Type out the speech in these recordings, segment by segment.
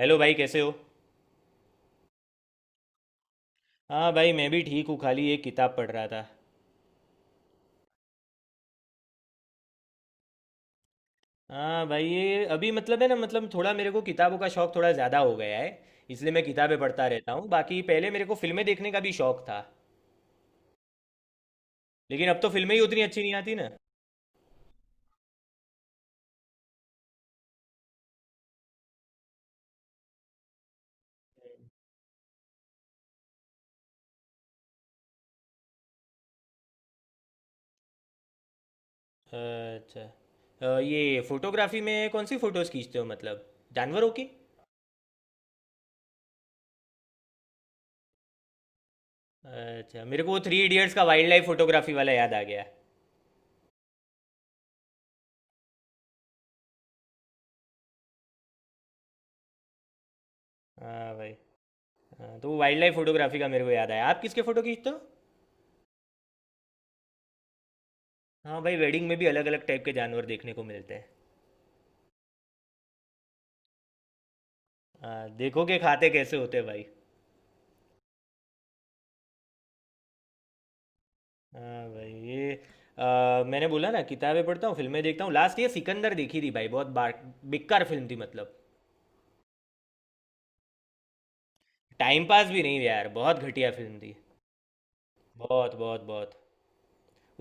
Hello भाई, कैसे हो? हाँ भाई, मैं भी ठीक हूँ, खाली एक किताब पढ़ रहा था। हाँ भाई, ये अभी मतलब है ना, मतलब थोड़ा मेरे को किताबों का शौक थोड़ा ज़्यादा हो गया है, इसलिए मैं किताबें पढ़ता रहता हूँ। बाकी पहले मेरे को फिल्में देखने का भी शौक था, लेकिन अब तो फिल्में ही उतनी अच्छी नहीं आती ना। अच्छा, ये फोटोग्राफी में कौन सी फ़ोटोज़ खींचते हो, मतलब जानवरों की? अच्छा, मेरे को थ्री इडियट्स का वाइल्ड लाइफ फोटोग्राफी वाला याद आ गया। हाँ भाई। हाँ तो वाइल्ड लाइफ फोटोग्राफी का मेरे को याद आया, आप किसके फ़ोटो खींचते हो? हाँ भाई, वेडिंग में भी अलग अलग टाइप के जानवर देखने को मिलते हैं। हाँ, देखो के खाते कैसे होते भाई। हाँ भाई, ये मैंने बोला ना, किताबें पढ़ता हूँ, फिल्में देखता हूँ। लास्ट ये सिकंदर देखी थी भाई, बहुत बार बेकार फिल्म थी मतलब। टाइम पास भी नहीं यार, बहुत घटिया फिल्म थी। बहुत बहुत बहुत।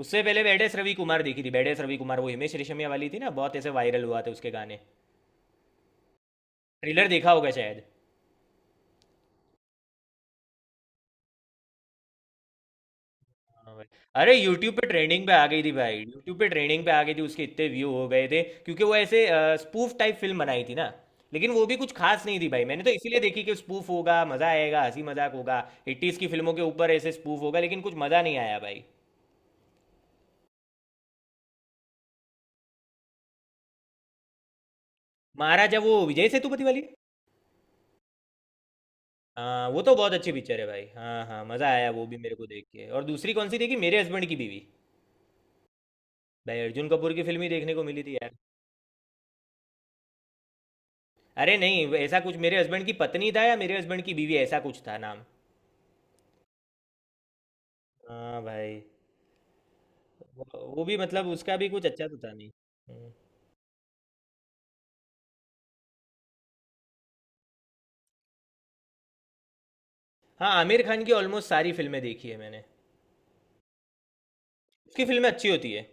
उससे पहले बेडेस रवि कुमार देखी थी। बेडेस रवि कुमार वो हिमेश रेशमिया वाली थी ना, बहुत ऐसे वायरल हुआ था उसके गाने। ट्रेलर देखा होगा शायद। हाँ भाई, अरे यूट्यूब पे ट्रेंडिंग पे आ गई थी भाई, यूट्यूब पे ट्रेंडिंग पे आ गई थी, उसके इतने व्यू हो गए थे क्योंकि वो ऐसे स्पूफ टाइप फिल्म बनाई थी ना। लेकिन वो भी कुछ खास नहीं थी भाई, मैंने तो इसीलिए देखी कि स्पूफ होगा, मजा आएगा, हंसी मजाक होगा, 80s की फिल्मों के ऊपर ऐसे स्पूफ होगा, लेकिन कुछ मजा नहीं आया भाई। महाराजा वो विजय सेतुपति वाली? हाँ, वो तो बहुत अच्छी पिक्चर है भाई। हाँ हाँ, मजा आया वो भी मेरे को देख के। और दूसरी कौन सी देखी, मेरे हस्बैंड की बीवी? भाई अर्जुन कपूर की फिल्म ही देखने को मिली थी यार। अरे नहीं, ऐसा कुछ मेरे हस्बैंड की पत्नी था या मेरे हस्बैंड की बीवी, ऐसा कुछ था नाम। हाँ भाई। वो वो भी मतलब उसका भी कुछ अच्छा तो था नहीं। हम्म। हाँ, आमिर खान की ऑलमोस्ट सारी फिल्में देखी है मैंने। उसकी फिल्में अच्छी होती है।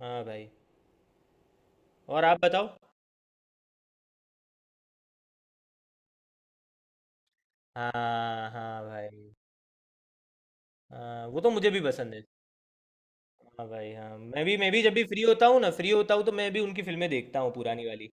हाँ भाई, और आप बताओ। हाँ हाँ भाई। हाँ, वो तो मुझे भी पसंद है। हाँ भाई, हाँ मैं भी जब भी फ्री होता हूँ ना, फ्री होता हूँ तो मैं भी उनकी फिल्में देखता हूँ, पुरानी वाली।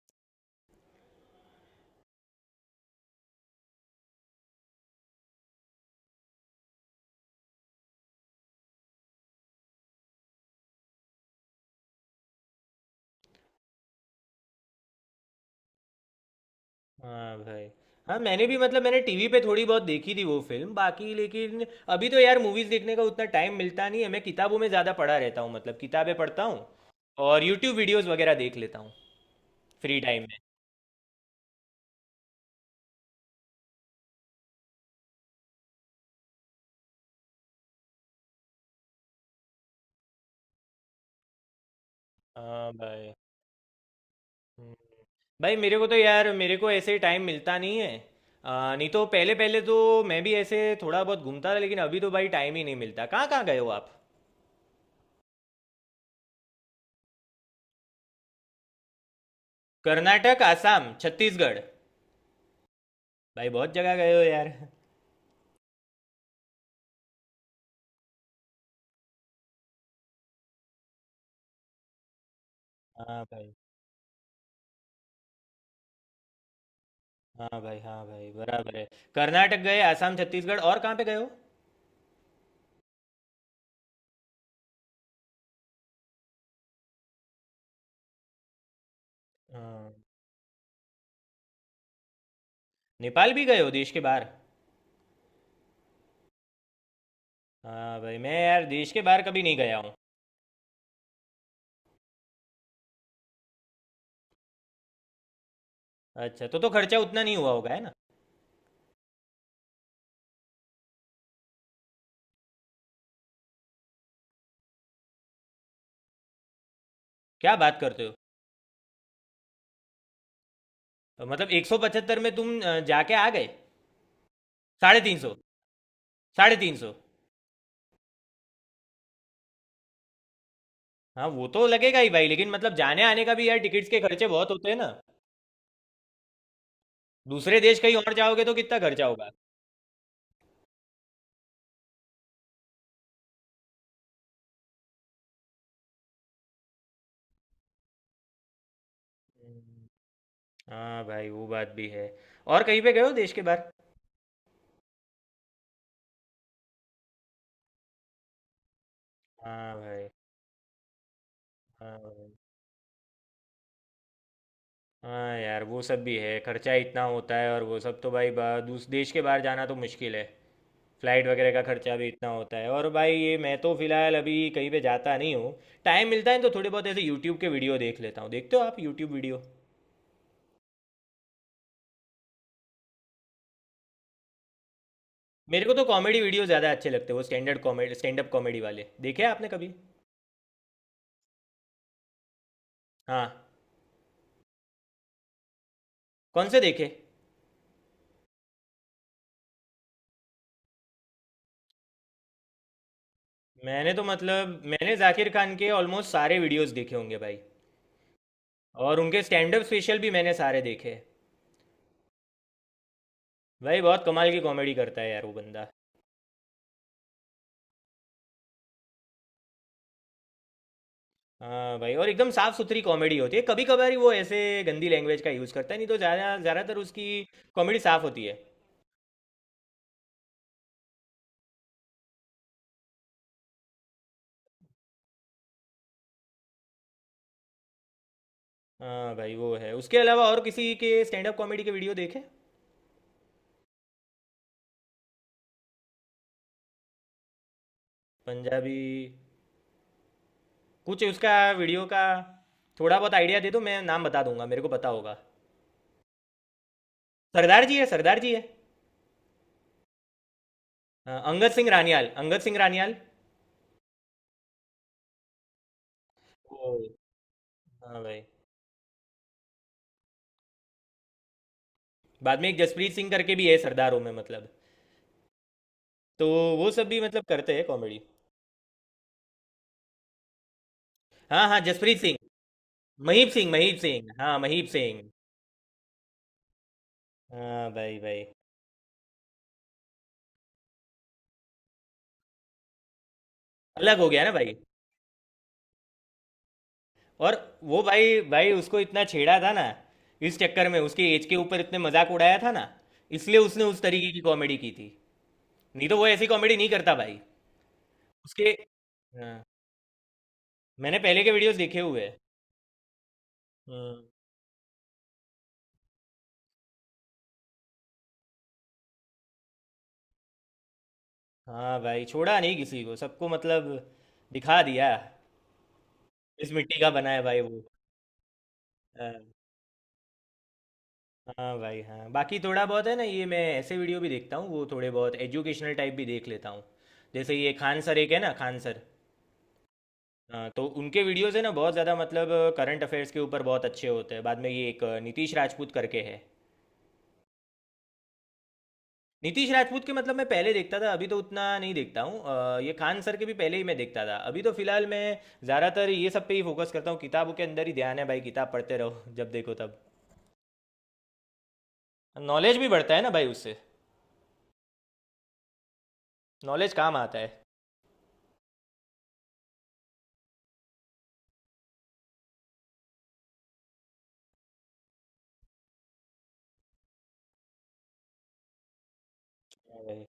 हाँ भाई। हाँ, मैंने भी मतलब मैंने टीवी पे थोड़ी बहुत देखी थी वो फिल्म बाकी, लेकिन अभी तो यार मूवीज़ देखने का उतना टाइम मिलता नहीं है। मैं किताबों में ज़्यादा पढ़ा रहता हूँ, मतलब किताबें पढ़ता हूँ और यूट्यूब वीडियोस वगैरह देख लेता हूँ फ्री टाइम में। हाँ भाई। हम्म। भाई मेरे को तो यार, मेरे को ऐसे टाइम मिलता नहीं है। नहीं तो पहले पहले तो मैं भी ऐसे थोड़ा बहुत घूमता था, लेकिन अभी तो भाई टाइम ही नहीं मिलता। कहाँ कहाँ गए हो आप? कर्नाटक, आसाम, छत्तीसगढ़, भाई बहुत जगह गए हो यार। हाँ भाई, हाँ भाई, हाँ भाई, बराबर है। कर्नाटक गए, आसाम, छत्तीसगढ़ और कहाँ पे गए हो? हाँ। नेपाल भी गए हो, देश के बाहर? हाँ भाई, मैं यार देश के बाहर कभी नहीं गया हूँ। अच्छा, तो खर्चा उतना नहीं हुआ होगा है ना? क्या बात करते हो! तो मतलब 175 में तुम जाके आ गए? साढ़े तीन सौ। साढ़े तीन सौ। हाँ, वो तो लगेगा ही भाई, लेकिन मतलब जाने आने का भी यार टिकट्स के खर्चे बहुत होते हैं ना। दूसरे देश कहीं और जाओगे तो कितना खर्चा होगा। हाँ भाई, वो बात भी है। और कहीं पे गए हो देश के बाहर? हाँ भाई, हाँ भाई, हाँ यार, वो सब भी है, खर्चा इतना होता है। और वो सब तो भाई दूस देश के बाहर जाना तो मुश्किल है, फ्लाइट वगैरह का खर्चा भी इतना होता है। और भाई ये मैं तो फिलहाल अभी कहीं पे जाता नहीं हूँ। टाइम मिलता है तो थोड़े बहुत ऐसे यूट्यूब के वीडियो देख लेता हूँ। देखते हो आप यूट्यूब वीडियो? मेरे को तो कॉमेडी वीडियो ज़्यादा अच्छे लगते हैं। वो standard comedy, stand up comedy वाले देखे आपने कभी? हाँ। कौन से देखे? मैंने तो मतलब मैंने जाकिर खान के ऑलमोस्ट सारे वीडियोस देखे होंगे भाई। और उनके स्टैंड अप स्पेशल भी मैंने सारे देखे हैं। भाई बहुत कमाल की कॉमेडी करता है यार वो बंदा। हाँ भाई, और एकदम साफ सुथरी कॉमेडी होती है, कभी कभार ही वो ऐसे गंदी लैंग्वेज का यूज़ करता है, नहीं तो ज़्यादा, ज़्यादातर उसकी कॉमेडी साफ होती है। हाँ भाई, वो है। उसके अलावा और किसी के स्टैंड अप कॉमेडी के वीडियो देखे? पंजाबी? कुछ उसका वीडियो का थोड़ा बहुत आइडिया दे दो, मैं नाम बता दूंगा, मेरे को पता होगा। सरदार जी है, सरदार जी है। हाँ, अंगद सिंह रानियाल, अंगद सिंह रानियाल। ओ। हाँ भाई। बाद में एक जसप्रीत सिंह करके भी है, सरदारों में मतलब। तो वो सब भी मतलब करते हैं कॉमेडी। हाँ हाँ, जसप्रीत सिंह। महीप सिंह, महीप सिंह, हाँ महीप सिंह। हाँ भाई भाई। अलग हो गया ना भाई। और वो भाई भाई, उसको इतना छेड़ा था ना, इस चक्कर में उसके एज के ऊपर इतने मजाक उड़ाया था ना, इसलिए उसने उस तरीके की कॉमेडी की थी। नहीं तो वो ऐसी कॉमेडी नहीं करता भाई। उसके, हाँ, मैंने पहले के वीडियोस देखे हुए हैं। हम्म। हाँ भाई, छोड़ा नहीं किसी को, सबको मतलब दिखा दिया। इस मिट्टी का बना है भाई वो। हाँ। हाँ भाई, हाँ। बाकी थोड़ा बहुत है ना, ये मैं ऐसे वीडियो भी देखता हूँ, वो थोड़े बहुत एजुकेशनल टाइप भी देख लेता हूँ। जैसे ये खान सर एक है ना, खान सर। हाँ, तो उनके वीडियोस है ना बहुत ज़्यादा मतलब, करंट अफेयर्स के ऊपर बहुत अच्छे होते हैं। बाद में ये एक नीतीश राजपूत करके है। नीतीश राजपूत के मतलब मैं पहले देखता था, अभी तो उतना नहीं देखता हूँ। ये खान सर के भी पहले ही मैं देखता था, अभी तो फिलहाल मैं ज़्यादातर ये सब पे ही फोकस करता हूँ। किताबों के अंदर ही ध्यान है भाई, किताब पढ़ते रहो जब देखो तब। नॉलेज भी बढ़ता है ना भाई उससे, नॉलेज काम आता है।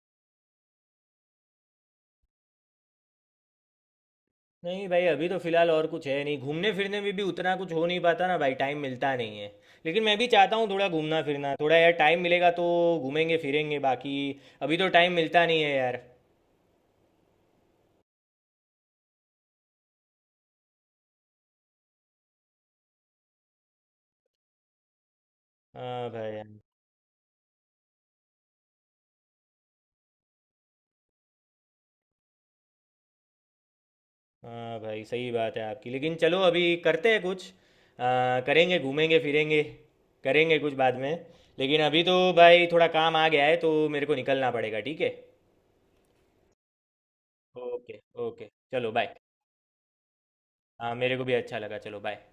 नहीं भाई, अभी तो फिलहाल और कुछ है नहीं। घूमने फिरने में भी उतना कुछ हो नहीं पाता ना भाई, टाइम मिलता नहीं है। लेकिन मैं भी चाहता हूँ थोड़ा घूमना फिरना, थोड़ा यार टाइम मिलेगा तो घूमेंगे फिरेंगे। बाकी अभी तो टाइम मिलता नहीं है यार। हाँ भाई यार, हाँ भाई, सही बात है आपकी। लेकिन चलो अभी करते हैं कुछ, करेंगे घूमेंगे फिरेंगे, करेंगे कुछ बाद में। लेकिन अभी तो भाई थोड़ा काम आ गया है तो मेरे को निकलना पड़ेगा, ठीक है? ओके। ओके चलो, बाय। हाँ, मेरे को भी अच्छा लगा, चलो बाय।